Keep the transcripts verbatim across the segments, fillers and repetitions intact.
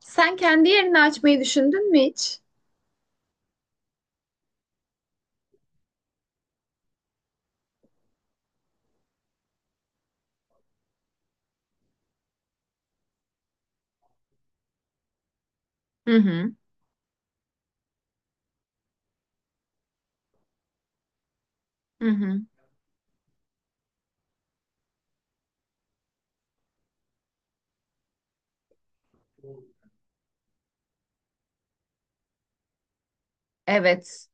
Sen kendi yerini açmayı düşündün mü hiç? Hı hı, hı hı. Evet.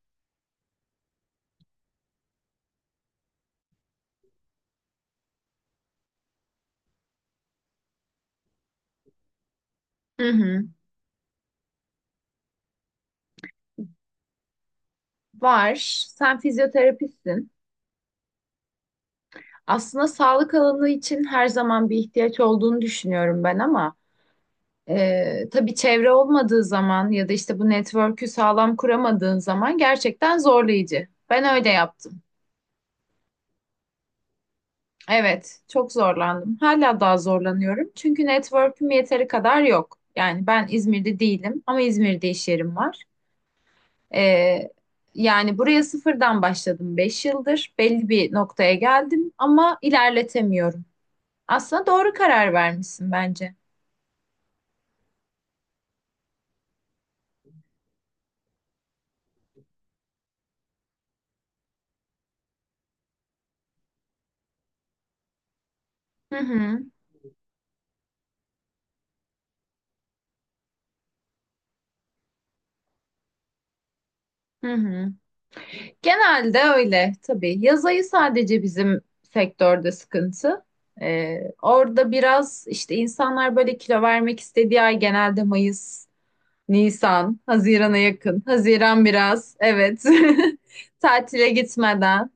Hı hı. Var. Sen fizyoterapistsin. Aslında sağlık alanı için her zaman bir ihtiyaç olduğunu düşünüyorum ben ama e, tabii çevre olmadığı zaman ya da işte bu network'ü sağlam kuramadığın zaman gerçekten zorlayıcı. Ben öyle yaptım. Evet, çok zorlandım. Hala daha zorlanıyorum. Çünkü network'üm yeteri kadar yok. Yani ben İzmir'de değilim ama İzmir'de iş yerim var. Ee, yani buraya sıfırdan başladım. Beş yıldır belli bir noktaya geldim ama ilerletemiyorum. Aslında doğru karar vermişsin bence. Hı hı, hı hı. Genelde öyle tabii. Yaz ayı sadece bizim sektörde sıkıntı. Ee, orada biraz işte insanlar böyle kilo vermek istediği ay genelde Mayıs, Nisan, Haziran'a yakın. Haziran biraz, evet. Tatile gitmeden.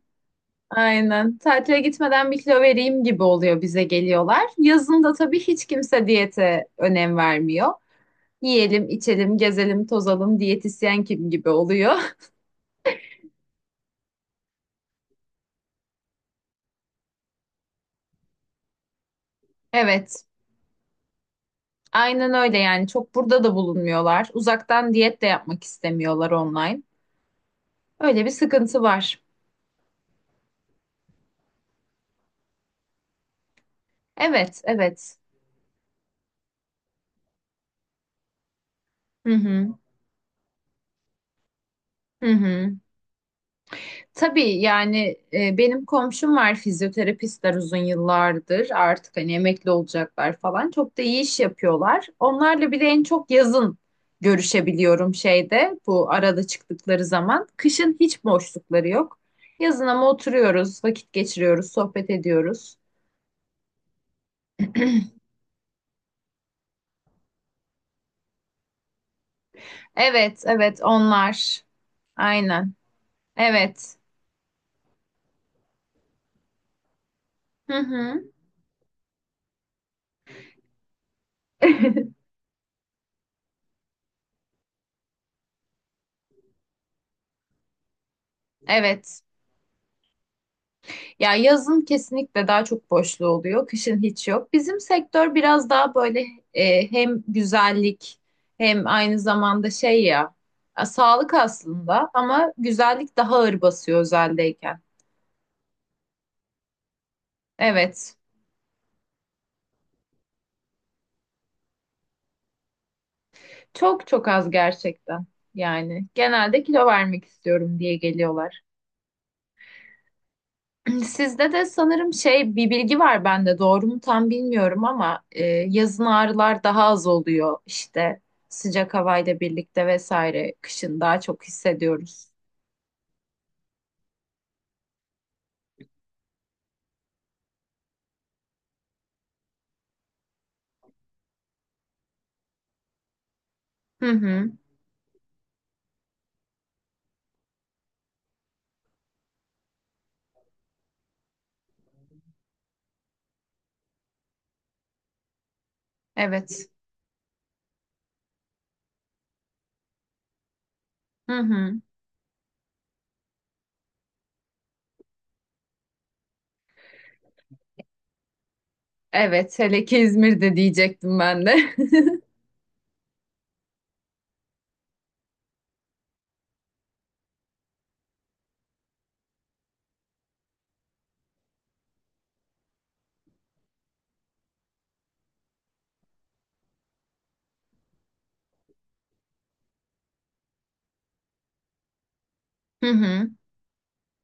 Aynen. Tatile gitmeden bir kilo vereyim gibi oluyor, bize geliyorlar. Yazın da tabii hiç kimse diyete önem vermiyor. Yiyelim, içelim, gezelim, tozalım, diyetisyen kim gibi oluyor. Evet. Aynen öyle yani. Çok burada da bulunmuyorlar. Uzaktan diyet de yapmak istemiyorlar, online. Öyle bir sıkıntı var. Evet, evet. Hı hı. Hı hı. Tabii yani e, benim komşum var, fizyoterapistler, uzun yıllardır artık hani emekli olacaklar falan, çok da iyi iş yapıyorlar. Onlarla bir de en çok yazın görüşebiliyorum şeyde, bu arada, çıktıkları zaman. Kışın hiç boşlukları yok. Yazın ama oturuyoruz, vakit geçiriyoruz, sohbet ediyoruz. Evet, evet onlar. Aynen. Evet. Hı hı. Evet. Ya yazın kesinlikle daha çok boşluğu oluyor, kışın hiç yok. Bizim sektör biraz daha böyle e, hem güzellik hem aynı zamanda şey ya, e, sağlık aslında, ama güzellik daha ağır basıyor özeldeyken. Evet, çok çok az gerçekten yani. Genelde kilo vermek istiyorum diye geliyorlar. Yani sizde de sanırım şey, bir bilgi var bende, doğru mu tam bilmiyorum ama e, yazın ağrılar daha az oluyor işte, sıcak havayla birlikte vesaire, kışın daha çok hissediyoruz. Hı hı. Evet. Hı hı. Evet, hele ki İzmir'de diyecektim ben de. Hı hı.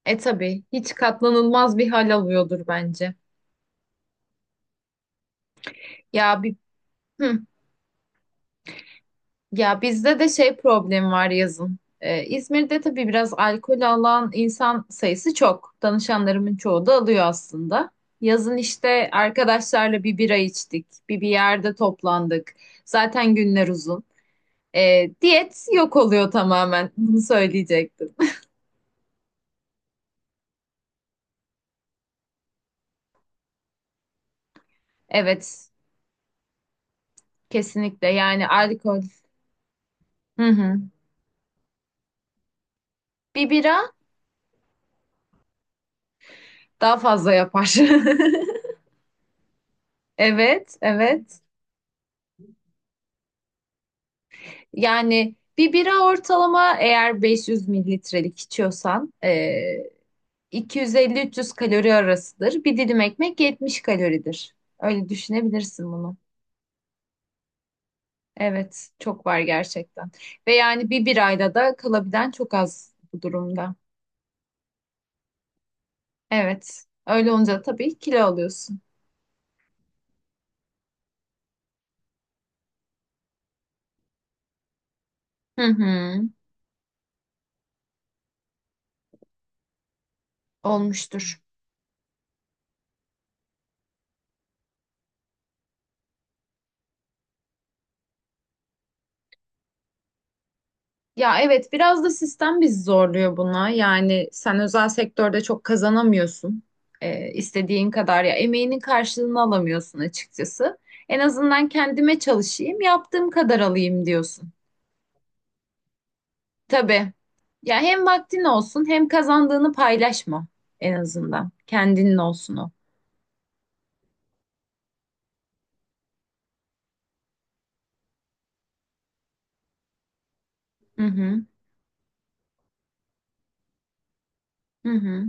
E tabii hiç katlanılmaz bir hal alıyordur bence. Ya bir, hı. Ya bizde de şey problemi var yazın. Ee, İzmir'de tabii biraz alkol alan insan sayısı çok. Danışanlarımın çoğu da alıyor aslında. Yazın işte arkadaşlarla bir bira içtik, bir bir yerde toplandık. Zaten günler uzun. Ee, diyet yok oluyor tamamen. Bunu söyleyecektim. Evet, kesinlikle. Yani alkol. Hı hı. Bir bira daha fazla yapar. Evet, evet. Yani bir bira ortalama eğer beş yüz mililitrelik içiyorsan eee, iki yüz elli üç yüz kalori arasıdır. Bir dilim ekmek yetmiş kaloridir. Öyle düşünebilirsin bunu. Evet, çok var gerçekten. Ve yani bir birayla da kalabilen çok az bu durumda. Evet, öyle olunca tabii kilo alıyorsun. Hı hı, olmuştur. Ya evet, biraz da sistem bizi zorluyor buna. Yani sen özel sektörde çok kazanamıyorsun. Ee, istediğin kadar ya emeğinin karşılığını alamıyorsun açıkçası. En azından kendime çalışayım, yaptığım kadar alayım diyorsun. Tabii. Ya hem vaktin olsun hem kazandığını paylaşma, en azından kendinin olsun o. Hı hı. Hı hı.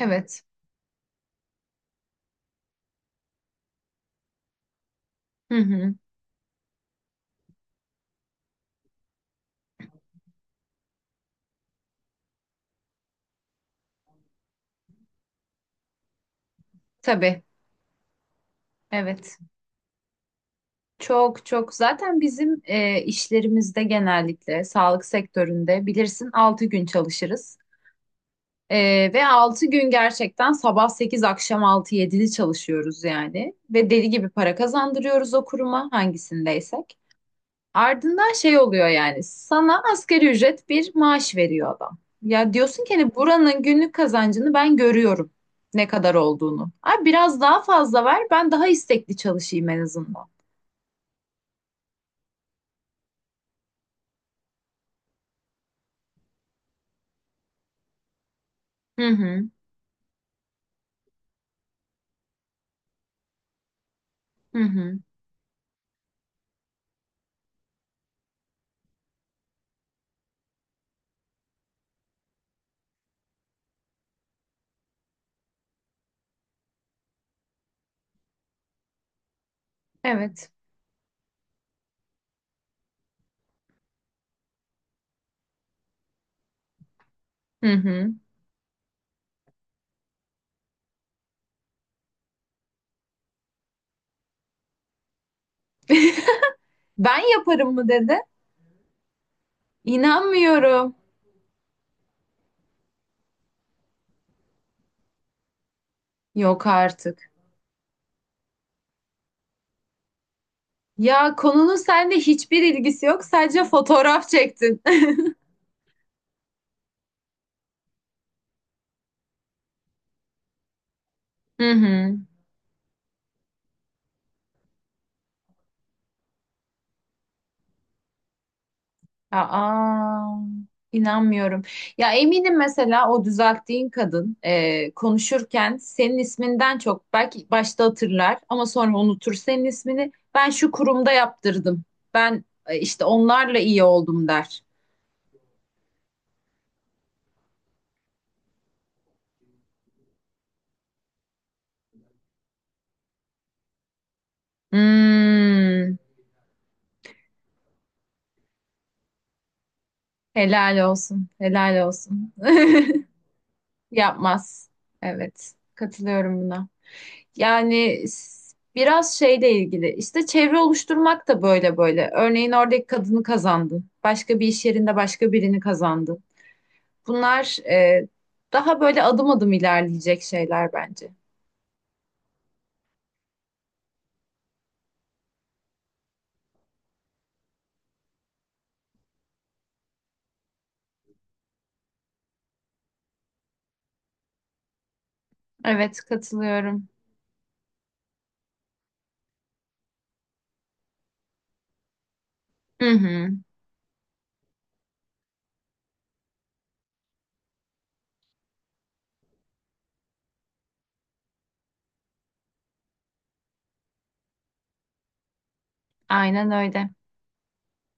Evet. Hı hı. Tabii. Evet. Çok çok, zaten bizim e, işlerimizde, genellikle sağlık sektöründe bilirsin, altı gün çalışırız. E, ve altı gün gerçekten sabah sekiz akşam altı yedili çalışıyoruz yani. Ve deli gibi para kazandırıyoruz o kuruma, hangisindeysek. Ardından şey oluyor, yani sana asgari ücret bir maaş veriyor adam. Ya diyorsun ki hani buranın günlük kazancını ben görüyorum, ne kadar olduğunu. Abi biraz daha fazla ver, ben daha istekli çalışayım en azından. Hı hı. Hı hı. Evet. Hı hı. Ben yaparım mı dedi. İnanmıyorum. Yok artık. Ya konunun seninle hiçbir ilgisi yok. Sadece fotoğraf çektin. Hı hı. Aa, inanmıyorum. Ya eminim mesela o düzelttiğin kadın e, konuşurken senin isminden çok belki başta hatırlar ama sonra unutur senin ismini. Ben şu kurumda yaptırdım. Ben e, işte onlarla iyi oldum der. Hmm. Helal olsun. Helal olsun. Yapmaz. Evet. Katılıyorum buna. Yani s- biraz şeyle ilgili. İşte çevre oluşturmak da böyle böyle. Örneğin oradaki kadını kazandın. Başka bir iş yerinde başka birini kazandın. Bunlar e, daha böyle adım adım ilerleyecek şeyler bence. Evet katılıyorum. Hı hı, aynen öyle.